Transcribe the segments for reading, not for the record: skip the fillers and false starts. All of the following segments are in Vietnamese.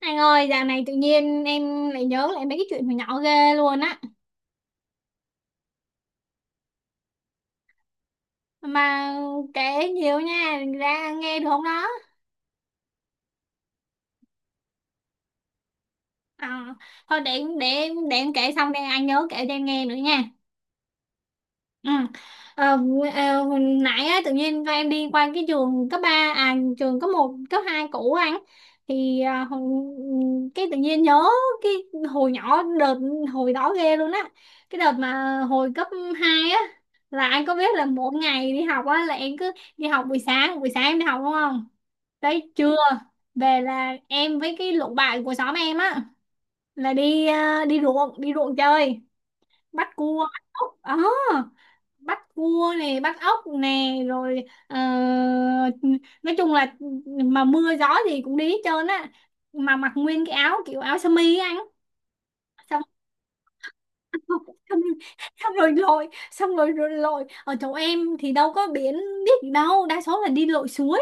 Anh ơi, dạo này tự nhiên em lại nhớ lại mấy cái chuyện hồi nhỏ ghê luôn á. Mà kể nhiều nha, ra nghe được không đó? À, thôi để em kể xong đây anh nhớ kể cho em nghe nữa nha. Ừ. Ờ, hồi nãy á, tự nhiên Vang đi qua cái trường cấp 3, à trường cấp một, cấp 2 cũ anh thì cái tự nhiên nhớ cái hồi nhỏ đợt hồi đó ghê luôn á cái đợt mà hồi cấp 2 á là anh có biết là mỗi ngày đi học á là em cứ đi học buổi sáng em đi học đúng không tới trưa về là em với cái lũ bạn của xóm em á là đi ruộng chơi bắt cua bắt ốc bắt cua này bắt ốc nè rồi nói chung là mà mưa gió gì cũng đi hết trơn á mà mặc nguyên cái áo kiểu áo sơ mi á anh xong xong xong rồi lội rồi lội ở chỗ em thì đâu có biển biết gì đâu đa số là đi lội suối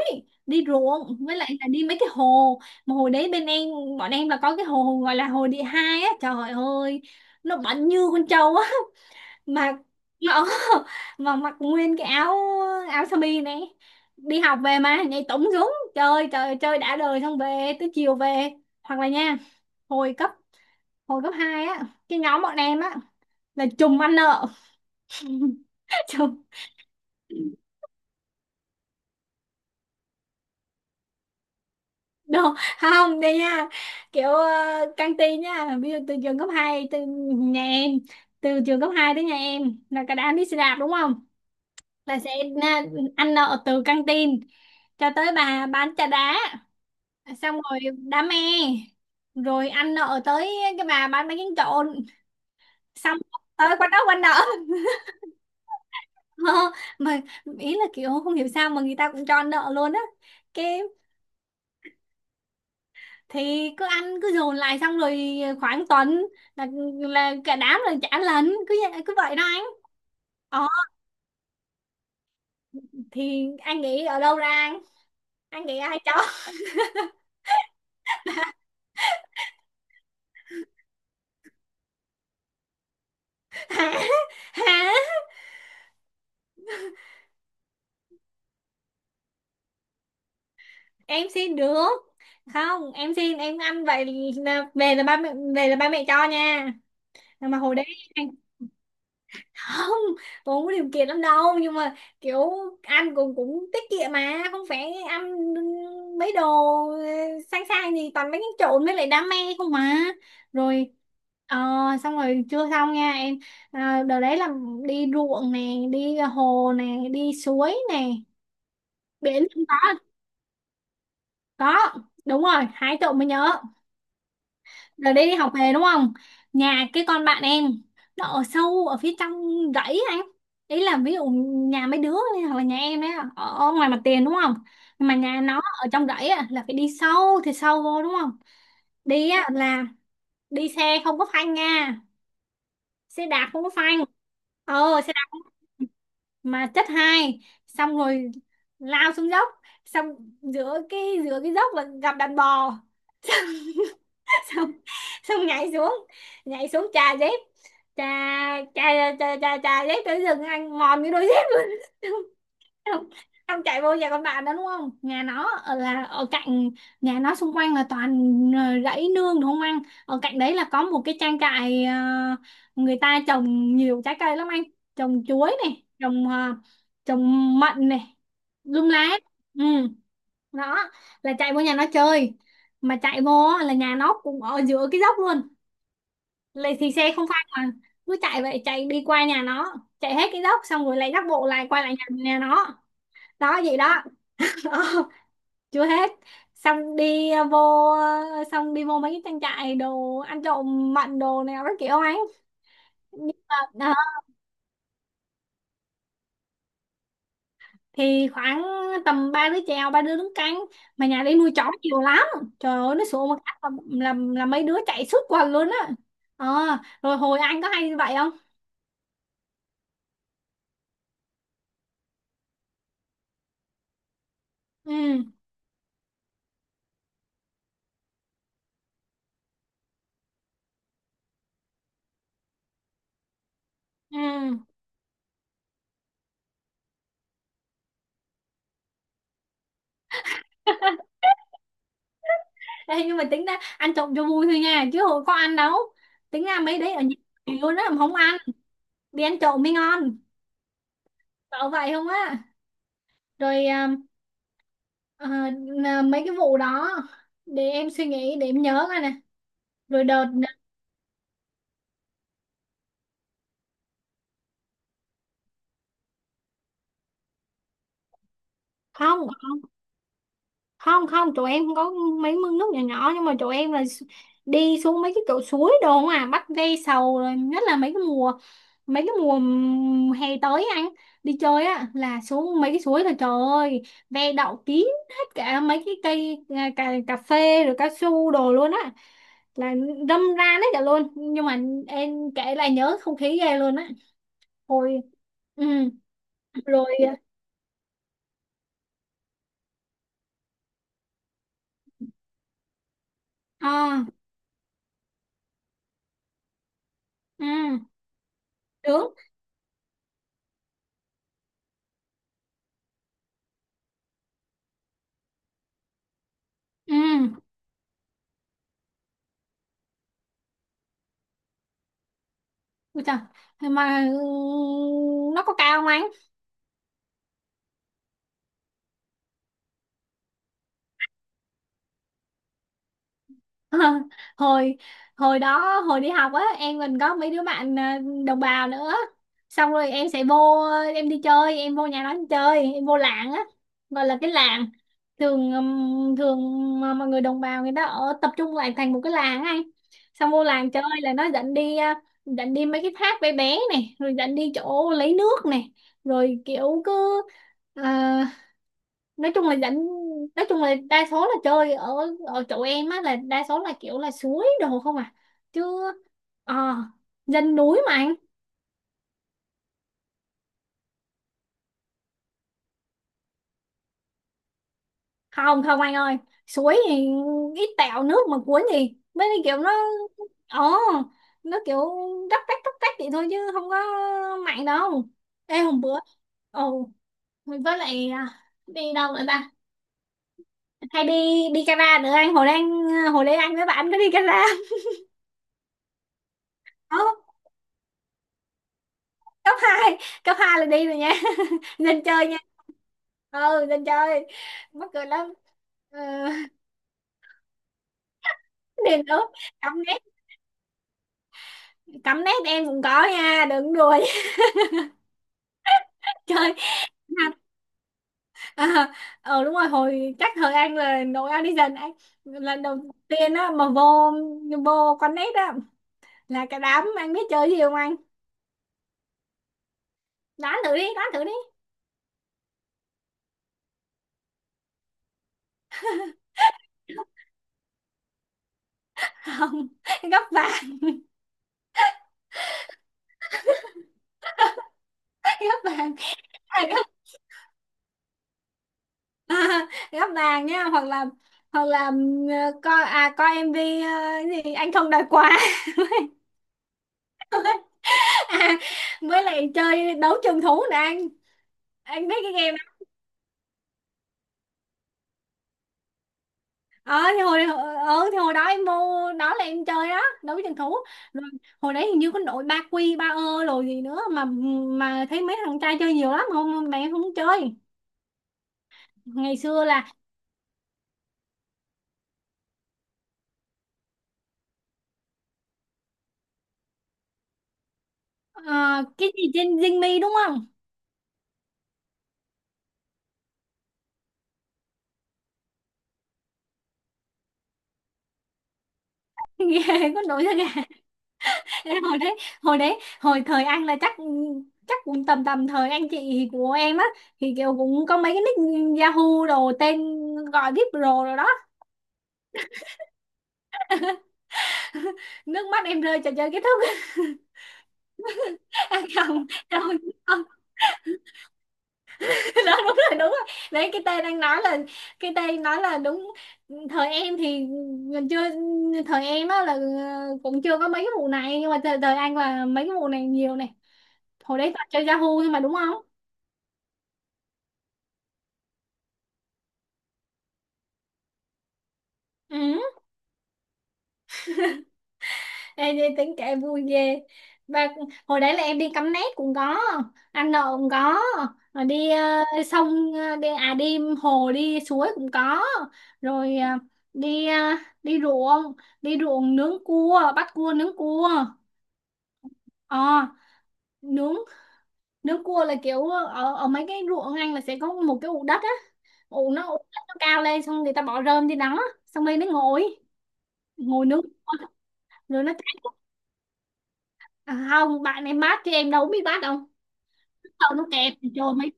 đi ruộng với lại là đi mấy cái hồ mà hồi đấy bên em bọn em là có cái hồ gọi là hồ địa hai á trời ơi nó bẩn như con trâu á mặc nó mà mặc nguyên cái áo áo sơ mi này đi học về mà nhảy tủng xuống chơi chơi chơi đã đời xong về tới chiều về hoặc là nha hồi cấp hồi cấp 2 á cái nhóm bọn em á là trùm ăn nợ trùm đâu không đây nha kiểu căng tin nha ví dụ nhà em từ trường cấp 2 tới nhà em là cả đám đi xe đạp đúng không là sẽ na- ăn nợ từ căng tin cho tới bà bán trà đá xong rồi đam mê rồi ăn nợ tới cái bà bán bánh tráng trộn xong tới quán đó quán nợ Ờ, mà ý là kiểu không hiểu sao mà người ta cũng cho ăn nợ luôn á cái thì cứ ăn cứ dồn lại xong rồi khoảng tuần là là cả đám là trả lần cứ vậy đó anh. ờ thì anh nghĩ ở đâu ra anh nghĩ ai cho. Hả? Hả? Em xin được. Không em xin em ăn vậy, là về là ba mẹ, về là ba mẹ cho nha. Nhưng mà hồi đấy anh, không, tôi có điều kiện lắm đâu nhưng mà kiểu ăn cũng cũng tiết kiệm mà không phải ăn mấy đồ sang sang gì toàn mấy cái trộn với lại đam mê không mà. Rồi, ờ, xong rồi chưa xong nha em. À, đợt đấy là đi ruộng nè đi hồ nè đi suối nè biển không có. Có, đúng rồi hái trộm mới nhớ. Rồi đi học về đúng không? Nhà cái con bạn em nó ở sâu ở phía trong rẫy anh. Ý là ví dụ nhà mấy đứa này, hoặc là nhà em đấy ở ở ngoài mặt tiền đúng không? Nhưng mà nhà nó ở trong rẫy á, là phải đi sâu thì sâu vô đúng không? Đi á, là đi xe không có phanh nha, xe đạp không có phanh. Ờ xe đạp mà chất hai xong rồi lao xuống dốc xong giữa cái giữa cái dốc là gặp đàn bò xong xong nhảy xuống trà dép trà trà trà trà, trà dép tới rừng anh mòn cái đôi dép luôn. xong, xong, Xong chạy vô nhà con bạn đó đúng không, nhà nó ở là ở cạnh, nhà nó xung quanh là toàn ờ, rẫy nương đúng không anh, ở cạnh đấy là có một cái trang trại, người ta trồng nhiều trái cây lắm anh, trồng chuối này trồng trồng mận này lung lá. Ừ đó, là chạy vô nhà nó chơi mà chạy vô á, là nhà nó cũng ở giữa cái dốc luôn, lấy thì xe không phanh mà cứ chạy vậy chạy đi qua nhà nó chạy hết cái dốc xong rồi lại dắt bộ lại quay lại nhà nó đó vậy đó. Đó, chưa hết. Xong đi vô mấy cái trang trại đồ ăn trộm mận đồ này nó kiểu ấy nhưng mà thì khoảng tầm ba đứa chèo ba đứa đứng canh mà nhà đi nuôi chó nhiều lắm trời ơi nó sủa một cách là mấy đứa chạy suốt quần luôn á. ờ Rồi hồi anh có hay như vậy không. Ừ ừ. Ê, nhưng mà tính ra ăn trộm cho vui thôi nha chứ hồi có ăn đâu, tính ra mấy đấy ở nhà luôn á mà không ăn, đi ăn trộm mới ngon, cậu vậy không á. Rồi à, à, à, Mấy cái vụ đó để em suy nghĩ để em nhớ coi nè. Rồi đợt, không không, không tụi em có mấy mương nước nhỏ nhỏ nhưng mà tụi em là s- đi xuống mấy cái chỗ suối đồ không à bắt ve sầu rồi nhất là mấy cái mùa hè tới anh đi chơi á là xuống mấy cái suối là trời ơi ve đậu kín hết cả mấy cái cây cà phê rồi cao su đồ luôn á là râm ran hết cả luôn nhưng mà em kể lại nhớ không khí ghê luôn á hồi, ừ. Rồi à, ừ đúng. Ừ. Ôi trời, mà nó có cao không anh? hồi Hồi đó hồi đi học á em mình có mấy đứa bạn đồng bào nữa xong rồi em sẽ vô em đi chơi em vô nhà nó em chơi em vô làng á gọi là cái làng thường thường mà mọi người đồng bào người ta ở tập trung lại thành một cái làng á anh. Xong vô làng chơi là nó dẫn đi dẫn đi mấy cái thác bé bé này rồi dẫn đi chỗ lấy nước này rồi kiểu cứ à, nói chung là dẫn, nói chung là đa số là chơi ở ở chỗ em á là đa số là kiểu là suối đồ không à, chứ ờ, dân núi mà anh. Không không anh ơi, suối thì ít tẹo nước mà cuốn gì mấy cái kiểu nó ờ nó kiểu róc rách vậy thôi chứ không có mặn đâu. Ê hôm bữa ồ, với lại đi đâu nữa ta, hay đi, đi Cara nữa anh hồi đang hồi đấy anh với bạn có đi Cara. Cấp hai, cấp hai là đi rồi nha. Nên chơi nha. Ừ nên chơi, mắc cười lắm. Ừ. Nên nữa cắm nét, cắm nét em cũng có nha đừng đùa nha. Chơi à, ờ đúng rồi hồi chắc thời An là nội An đi dần anh lần đầu tiên á mà vô vô con nét á là cả đám anh biết chơi gì không anh, đoán thử đi đoán thử đi. Không gấp vàng. Gấp vàng, à, gấp À, gắp vàng nhá, hoặc là, hoặc là coi coi MV, ờ, cái gì anh không đòi quà. À, với lại chơi đấu trường thú nè anh biết cái game đó. Thì hồi đó em mua đó là em chơi đó đấu trường thú rồi. Hồi đấy hình như có nội ba quy ba ơ rồi gì nữa mà thấy mấy thằng trai chơi nhiều lắm không mẹ không chơi. Ngày xưa là ờ, cái gì trên Zing Me đúng không. Nghe có nội. Thế hồi đấy, hồi đấy hồi thời anh là chắc, chắc cũng tầm tầm thời anh chị của em á thì kiểu cũng có mấy cái nick Yahoo đồ tên gọi VIP Pro rồi đó. Nước mắt em rơi trò chơi kết thúc. Anh không, không, không, cái đó đúng rồi đấy, cái tên anh nói là, cái tên nói là đúng. Thời em thì mình chưa, thời em á là cũng chưa có mấy cái vụ này nhưng mà thời anh là mấy cái vụ này nhiều này. Hồi đấy toàn chơi Yahoo thôi mà đúng không. Ừ. Ê, đi tính kể vui ghê. Và hồi đấy là em đi cắm nét cũng có, ăn nợ cũng có, rồi đi ờ, sông ờ, đi à đi hồ đi suối cũng có, rồi đi ờ, đi ruộng, nướng cua bắt cua nướng cua. Ờ nướng Nướng cua là kiểu ở ở mấy cái ruộng ăn là sẽ có một cái ụ đất á, ụ đất nó cao lên xong người ta bỏ rơm trên đó xong rồi nó ngồi ngồi nướng cua. Rồi nó cháy à, không bạn em bắt chứ em đâu có biết bắt đâu. Sao nó kẹp trời mấy.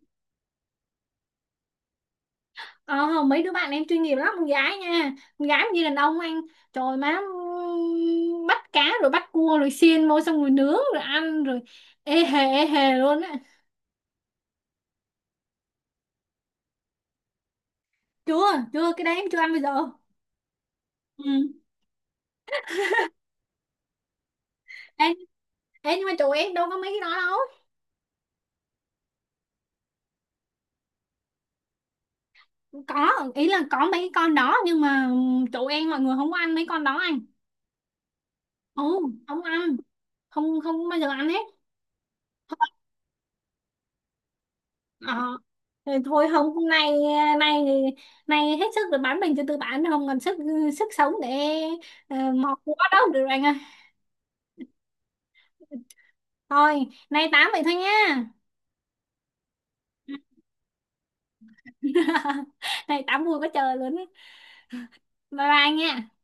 ờ, Mấy đứa bạn em chuyên nghiệp lắm, con gái nha, con gái mà như đàn ông anh, trời má bắt cá rồi bắt cua rồi xiên vô xong rồi nướng rồi ăn rồi ê hề luôn á. Chưa, chưa cái đấy em chưa ăn bây giờ. Ừ. ê, ê, Nhưng mà chỗ em đâu có mấy cái đó đâu. Có, ý là có mấy cái con đó nhưng mà chỗ em mọi người không có ăn mấy con đó anh. Ừ không ăn, không không bao giờ ăn hết. Ờ. Thì thôi không, hôm nay nay nay hết sức rồi bán mình cho tư bản không còn sức, sức sống để mọt quá đâu được rồi anh ơi, thôi nay tám vậy thôi nha. Này tám vui quá trời luôn. Bye bye nha.